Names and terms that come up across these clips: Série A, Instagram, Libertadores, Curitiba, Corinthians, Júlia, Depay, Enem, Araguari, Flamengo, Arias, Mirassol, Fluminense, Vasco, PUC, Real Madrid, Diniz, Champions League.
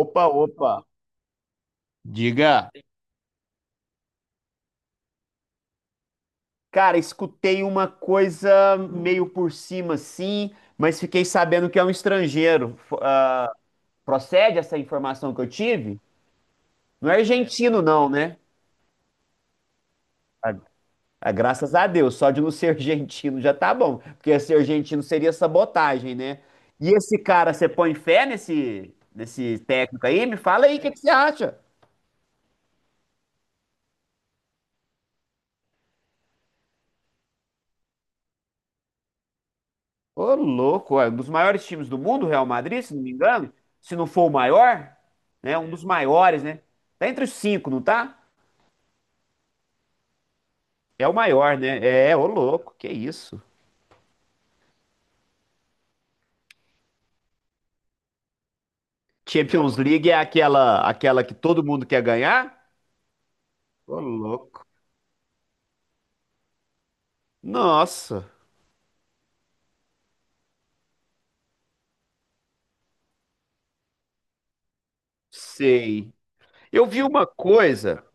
Opa, opa. Diga. Cara, escutei uma coisa meio por cima, sim, mas fiquei sabendo que é um estrangeiro. Procede essa informação que eu tive? Não é argentino, não, né? Ah, ah, graças a Deus, só de não ser argentino já tá bom, porque ser argentino seria sabotagem, né? E esse cara, você põe fé nesse técnico aí? Me fala aí, o que que você acha? Ô, louco, é um dos maiores times do mundo, o Real Madrid, se não me engano. Se não for o maior, né? Um, é, dos maiores, né? Tá entre os cinco, não tá? É o maior, né? É, ô, louco, que isso. Champions League é aquela que todo mundo quer ganhar? Ô, louco. Nossa, sei. Eu vi uma coisa,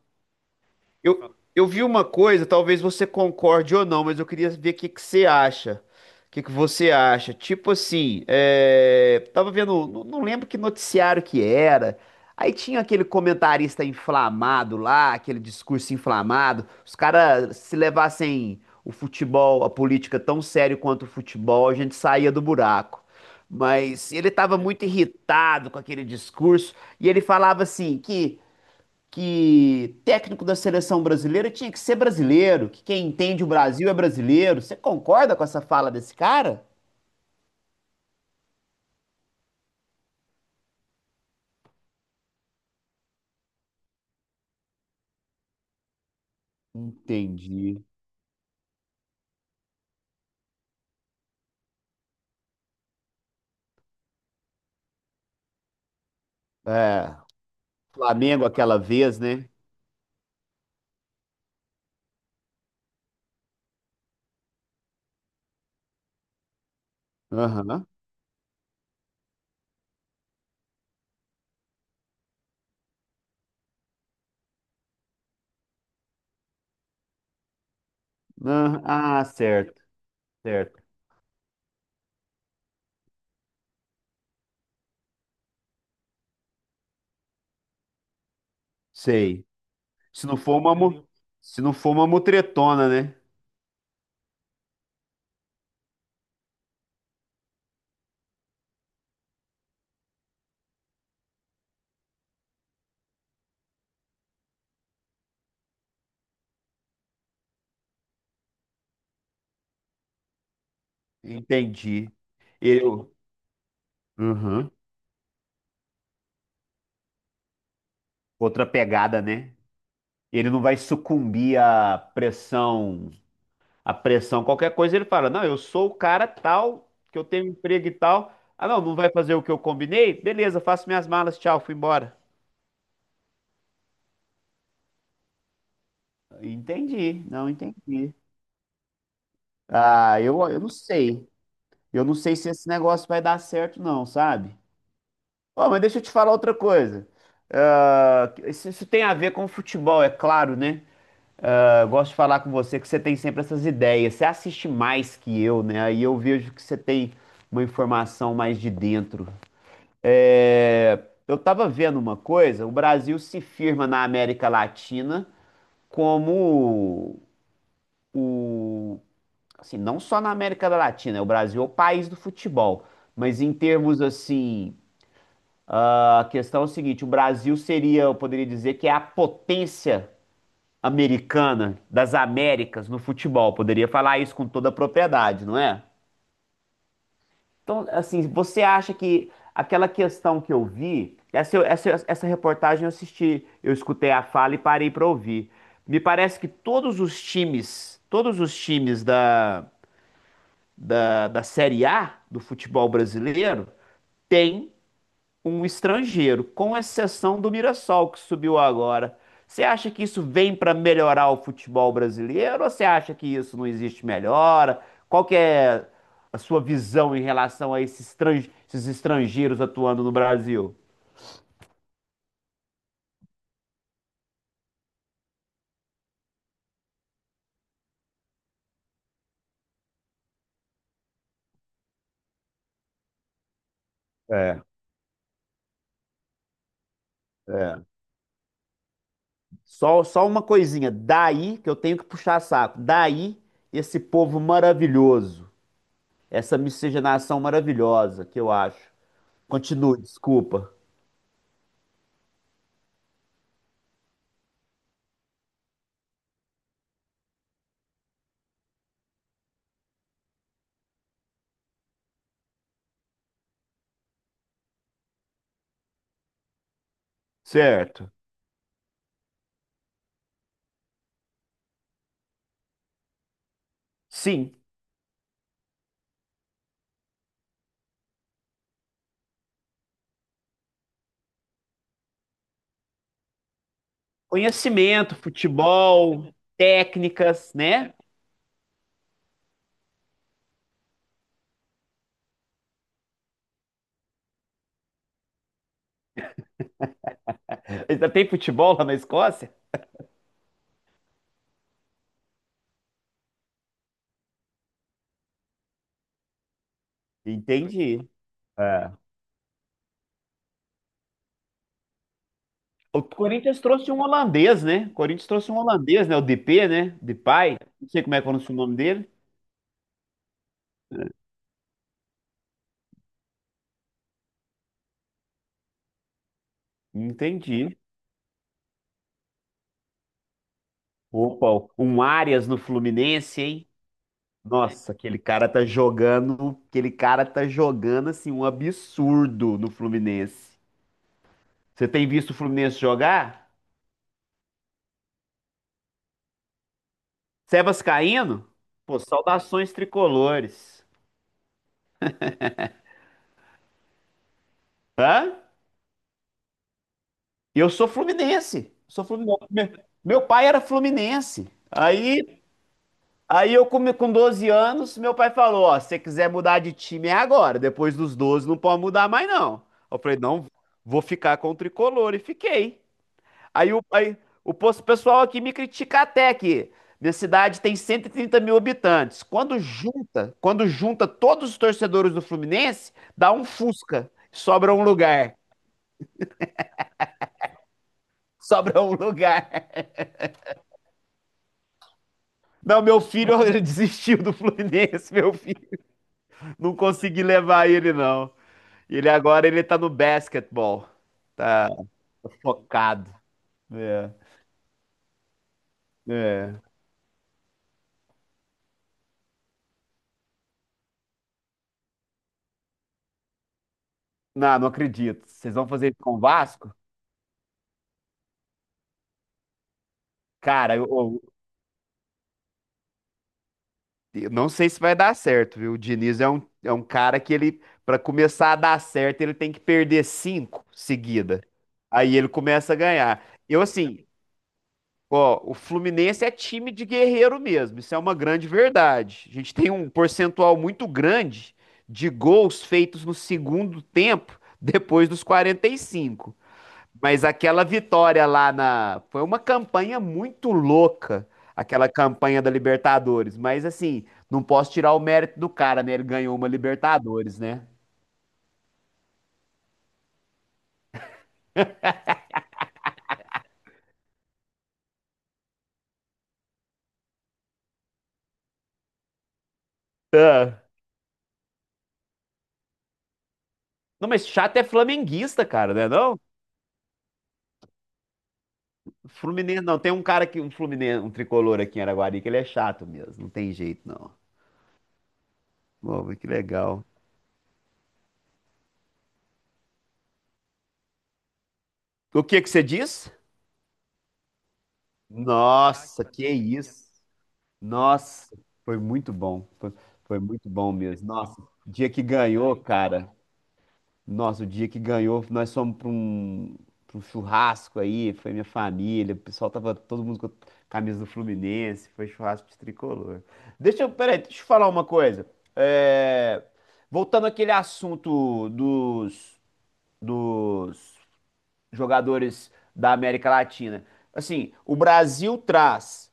eu vi uma coisa, talvez você concorde ou não, mas eu queria ver o que que você acha. O que que você acha? Tipo assim, tava vendo, não, não lembro que noticiário que era. Aí tinha aquele comentarista inflamado lá, aquele discurso inflamado. Os caras se levassem o futebol, a política tão sério quanto o futebol, a gente saía do buraco. Mas ele estava muito irritado com aquele discurso e ele falava assim que técnico da seleção brasileira tinha que ser brasileiro, que quem entende o Brasil é brasileiro. Você concorda com essa fala desse cara? Entendi. É, Flamengo aquela vez, né? Aham. Aham. Ah, certo, certo. Sei. Se não for uma, mu- se não for uma mutretona, né? Entendi. Eu, Uhum. Outra pegada, né? Ele não vai sucumbir à pressão, qualquer coisa, ele fala: Não, eu sou o cara tal, que eu tenho emprego e tal. Ah, não, não vai fazer o que eu combinei? Beleza, faço minhas malas, tchau, fui embora. Entendi, não entendi. Ah, eu não sei. Eu não sei se esse negócio vai dar certo, não, sabe? Ó, mas deixa eu te falar outra coisa. Ah, isso tem a ver com futebol, é claro, né? Ah, eu gosto de falar com você que você tem sempre essas ideias. Você assiste mais que eu, né? Aí eu vejo que você tem uma informação mais de dentro. É, eu estava vendo uma coisa, o Brasil se firma na América Latina como o, assim, não só na América Latina, o Brasil é o país do futebol, mas em termos assim, a questão é o seguinte, o Brasil seria, eu poderia dizer que é a potência americana das Américas no futebol, poderia falar isso com toda a propriedade, não é? Então, assim, você acha que aquela questão que eu vi, essa reportagem eu assisti, eu escutei a fala e parei para ouvir. Me parece que todos os times da Série A do futebol brasileiro têm um estrangeiro, com exceção do Mirassol que subiu agora. Você acha que isso vem para melhorar o futebol brasileiro ou você acha que isso não existe melhora? Qual que é a sua visão em relação a esses estrangeiros atuando no Brasil? É, é. Só uma coisinha, daí que eu tenho que puxar saco, daí esse povo maravilhoso, essa miscigenação maravilhosa que eu acho. Continue, desculpa. Certo. Sim. Conhecimento, futebol, técnicas, né? Ainda tem futebol lá na Escócia? Entendi. É. O Corinthians trouxe um holandês, né? O Corinthians trouxe um holandês, né? O DP, né? Depay. Não sei como é que pronuncia o nome dele. Entendi. Opa, um Arias no Fluminense, hein? Nossa, aquele cara tá jogando, aquele cara tá jogando assim um absurdo no Fluminense. Você tem visto o Fluminense jogar? Você é vascaíno? Pô, saudações tricolores. Hã? Eu sou fluminense. Sou fluminense. Meu pai era fluminense. Aí, eu com 12 anos, meu pai falou, ó, se você quiser mudar de time é agora, depois dos 12 não pode mudar mais não. Eu falei, não, vou ficar com o tricolor e fiquei. Aí o, aí, pessoal aqui me critica até que minha cidade tem 130 mil habitantes. Quando junta todos os torcedores do Fluminense, dá um Fusca, sobra um lugar. Sobra um lugar. Não, meu filho, ele desistiu do Fluminense, meu filho. Não consegui levar ele, não. Ele tá no basquetebol. Tá focado. É, é. Não, não acredito. Vocês vão fazer isso com o Vasco? Cara, eu não sei se vai dar certo, viu? O Diniz é um cara que ele, pra começar a dar certo, ele tem que perder cinco seguida. Aí ele começa a ganhar. Eu, assim. Ó, o Fluminense é time de guerreiro mesmo, isso é uma grande verdade. A gente tem um percentual muito grande de gols feitos no segundo tempo, depois dos 45. Mas aquela vitória lá na. Foi uma campanha muito louca, aquela campanha da Libertadores. Mas assim, não posso tirar o mérito do cara, né? Ele ganhou uma Libertadores, né? Tá. Não, mas chato é flamenguista, cara, né? Não? Fluminense, não. Tem um cara que, um Fluminense, um tricolor aqui em Araguari, que ele é chato mesmo. Não tem jeito, não. Pô, mas que legal. O que que você diz? Nossa, que isso. Nossa, foi muito bom. Foi muito bom mesmo. Nossa, o dia que ganhou, cara. Nossa, o dia que ganhou, nós fomos pra um churrasco aí, foi minha família, o pessoal tava todo mundo com a camisa do Fluminense, foi churrasco de tricolor. Deixa eu, peraí, deixa eu falar uma coisa. É, voltando àquele assunto dos jogadores da América Latina. Assim, o Brasil traz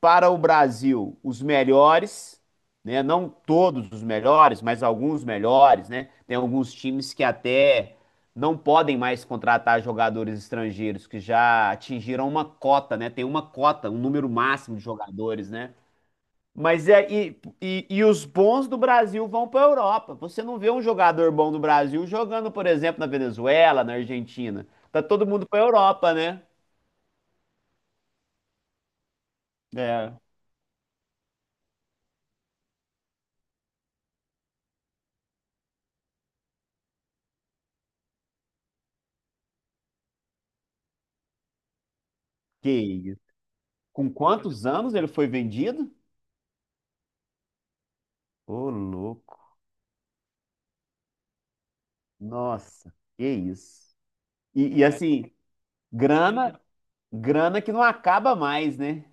para o Brasil os melhores, né? Não todos os melhores, mas alguns melhores, né? Tem alguns times que até não podem mais contratar jogadores estrangeiros que já atingiram uma cota, né? Tem uma cota, um número máximo de jogadores, né? Mas e os bons do Brasil vão para a Europa. Você não vê um jogador bom do Brasil jogando, por exemplo, na Venezuela, na Argentina. Tá todo mundo para a Europa, né? É. Que isso. Com quantos anos ele foi vendido? Ô, louco. Nossa, que isso. E, assim, grana, grana que não acaba mais, né?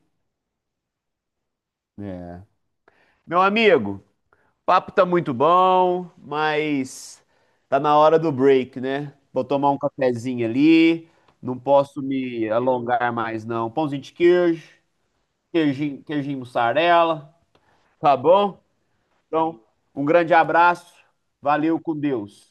É. Meu amigo, papo tá muito bom, mas tá na hora do break, né? Vou tomar um cafezinho ali. Não posso me alongar mais, não. Pãozinho de queijo, queijinho mussarela, tá bom? Então, um grande abraço. Valeu com Deus.